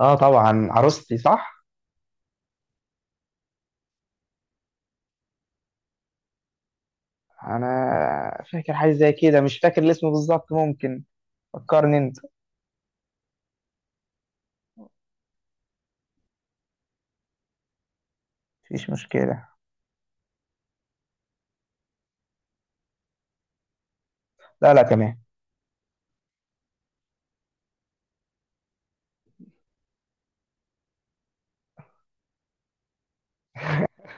اه طبعا عروستي صح. انا فاكر حاجه زي كده، مش فاكر الاسم بالظبط. ممكن فكرني انت؟ مفيش مشكله. لا لا تمام.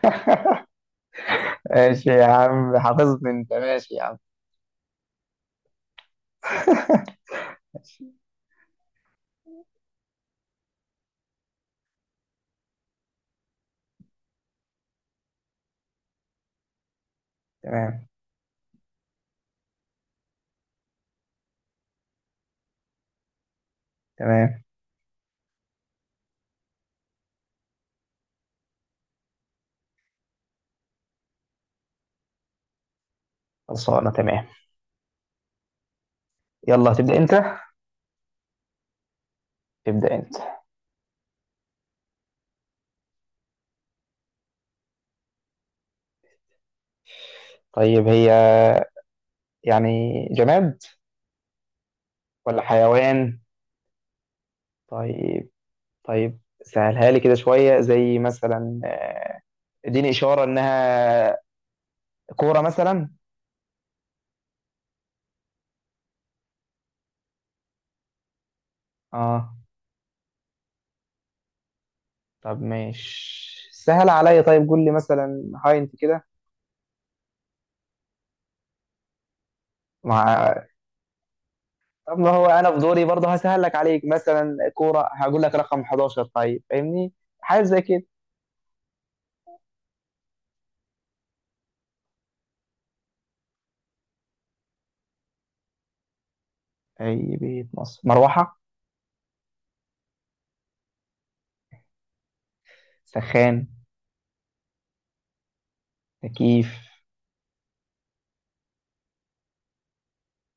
ماشي يا عم، حافظني انت ماشي يا عم. ماشي. تمام تمام. خلصانه تمام. يلا تبدا انت، تبدا انت. طيب هي يعني جماد ولا حيوان؟ طيب طيب، سهلها لي كده شويه، زي مثلا اديني اشاره انها كوره مثلا. اه طب ماشي، سهل عليا. طيب قول لي مثلا هاينت كده مع. طب ما هو انا في دوري برضه هسهل لك عليك، مثلا كوره هقول لك رقم 11، طيب فاهمني؟ حاجه زي كده. اي بيت مصر؟ مروحه؟ سخان؟ تكييف؟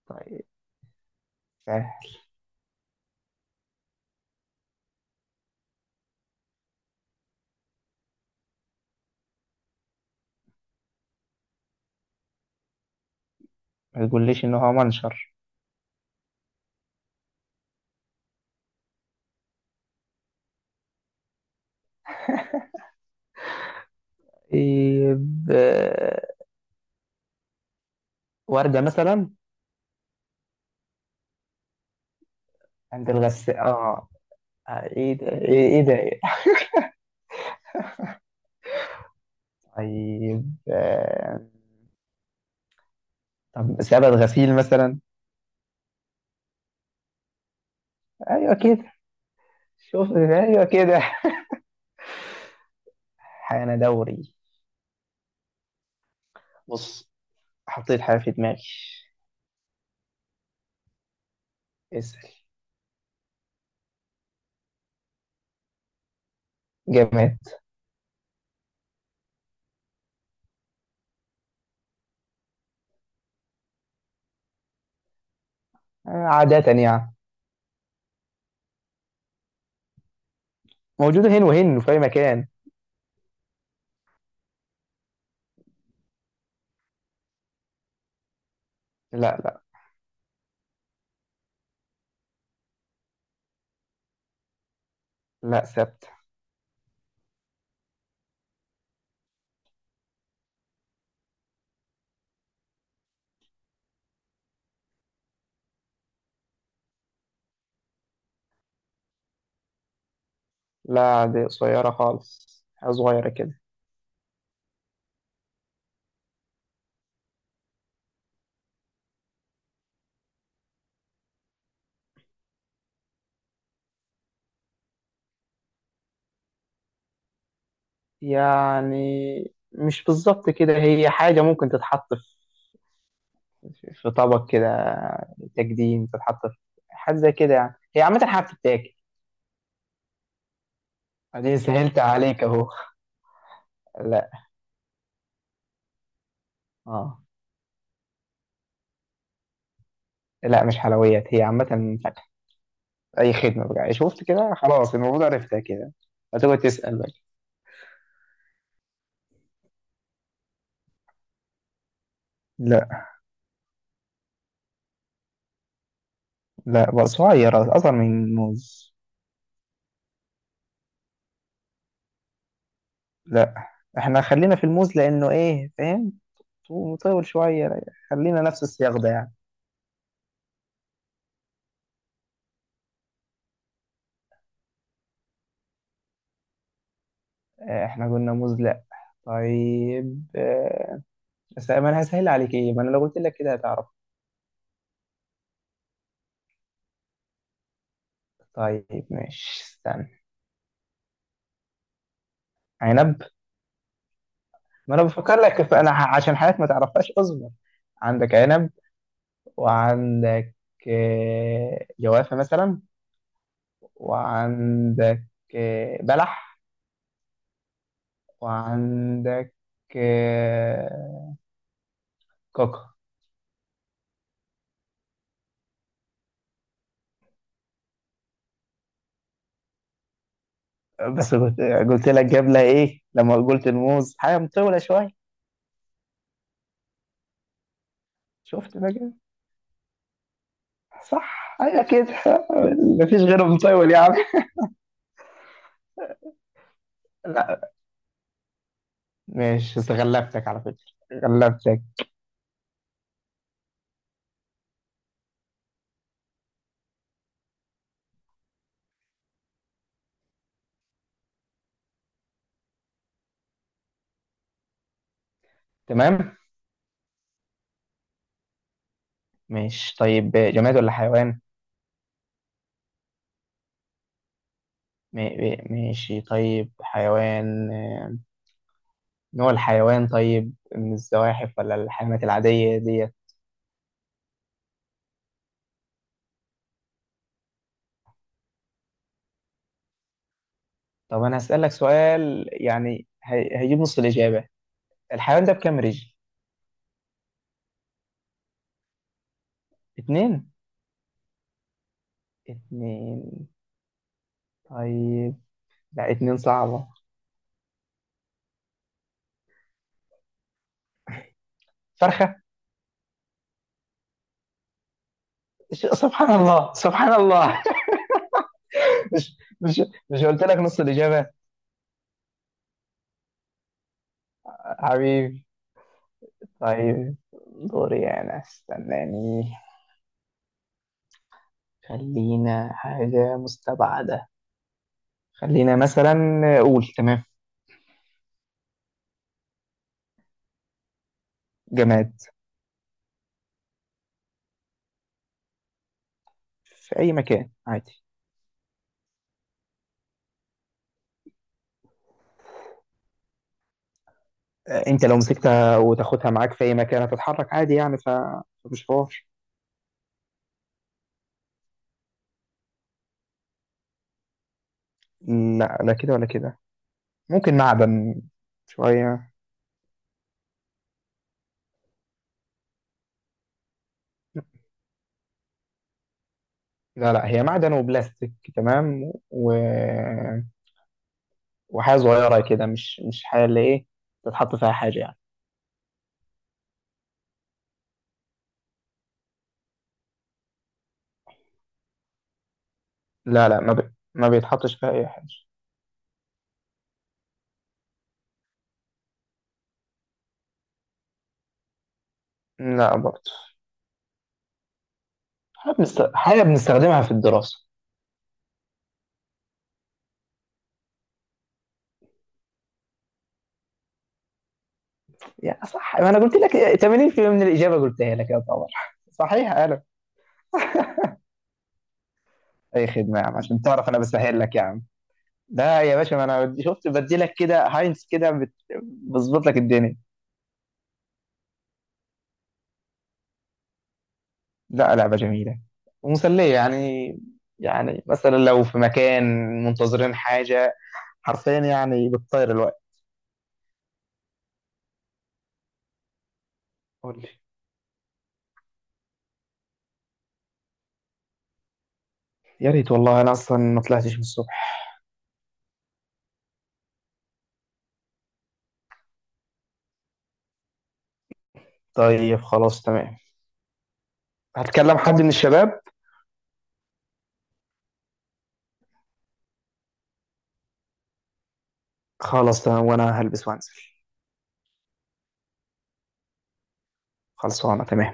طيب سهل. ما تقوليش ان هو منشر؟ إيه ب... ورده مثلا؟ عند الغسالة اه. ايه ده؟ إيه ده؟ طيب طب سبت غسيل مثلا؟ ايوه كده. شوف ايوه كده. حان دوري. بص، حطيت حاجة في دماغي. اسأل. جماد. عادة يعني. موجودة هنا وهنا في أي مكان. لا لا. لا ثابتة. لا دي قصيرة خالص، حاجة صغيرة كده. يعني مش بالظبط كده، هي حاجة ممكن تتحط في طبق كده تقديم، تتحط في حاجة زي كده يعني. هي عامة حاجة بتتاكل. أدي سهلت عليك أهو. لا. اه. لا مش حلويات، هي عامة. اي خدمه بقى، شفت كده؟ خلاص، المفروض عرفتها كده. هتقعد تسال بقى. لا. لا بقى صغير، اصغر من الموز. لا احنا خلينا في الموز لانه ايه فاهم، مطول شويه. خلينا نفس السياق ده يعني. احنا قلنا موز لا. طيب بس ما انا هسهل عليك ايه، ما انا لو قلت لك كده هتعرف. طيب ماشي استنى. عنب. ما انا بفكر لك في- انا ح- عشان حالات ما تعرفهاش اصبر. عندك عنب، وعندك جوافه مثلا، وعندك بلح، وعندك آه، كوكو. بس قلت، قلت لك جبلة ايه لما قلت الموز حاجة مطولة شوية. شفت بقى. صح ايوه كده. مفيش غيره مطول يا عم. لا ماشي، بس غلبتك على فكرة، غلبتك. تمام. ماشي طيب جماد ولا حيوان؟ ماشي طيب حيوان. نوع الحيوان طيب، من الزواحف ولا الحيوانات العادية دي؟ طب انا هسألك سؤال يعني هيجيب نص الإجابة. الحيوان ده بكام رجل؟ اتنين؟ اتنين طيب. لا اتنين صعبة. فرخة. سبحان الله سبحان الله. مش مش مش قلت لك نص الإجابة؟ حبيبي. طيب دوري أنا، استناني. خلينا حاجة مستبعدة. خلينا مثلا. قول تمام. جماد. في أي مكان عادي. أنت لو مسكتها وتاخدها معاك في أي مكان هتتحرك عادي يعني، فمش حوار. لا لا كده ولا كده. ممكن معدن شوية. لا هي معدن وبلاستيك تمام، وحاجة صغيرة كده، مش مش حاجة اللي إيه تتحط فيها حاجة يعني. لا ما بيتحطش فيها أي حاجة. لا برضه. حاجة بنستخدمها في الدراسة. يعني صح، ما أنا قلت لك 80% من الإجابة قلتها لك، يا طبعا صحيح أنا. أي خدمة يا عم، عشان تعرف أنا بسهل لك يا عم. لا يا باشا، ما أنا شفت بدي لك كده هاينس كده بظبط لك الدنيا. لا لعبة جميلة ومسلية يعني. يعني مثلا لو في مكان منتظرين حاجة، حرفيا يعني بتطير الوقت. قول لي. يا ريت والله، أنا أصلا ما طلعتش من الصبح. طيب خلاص تمام. هتكلم حد من الشباب. خلاص تمام، وأنا هلبس وأنزل. خلصانة تمام.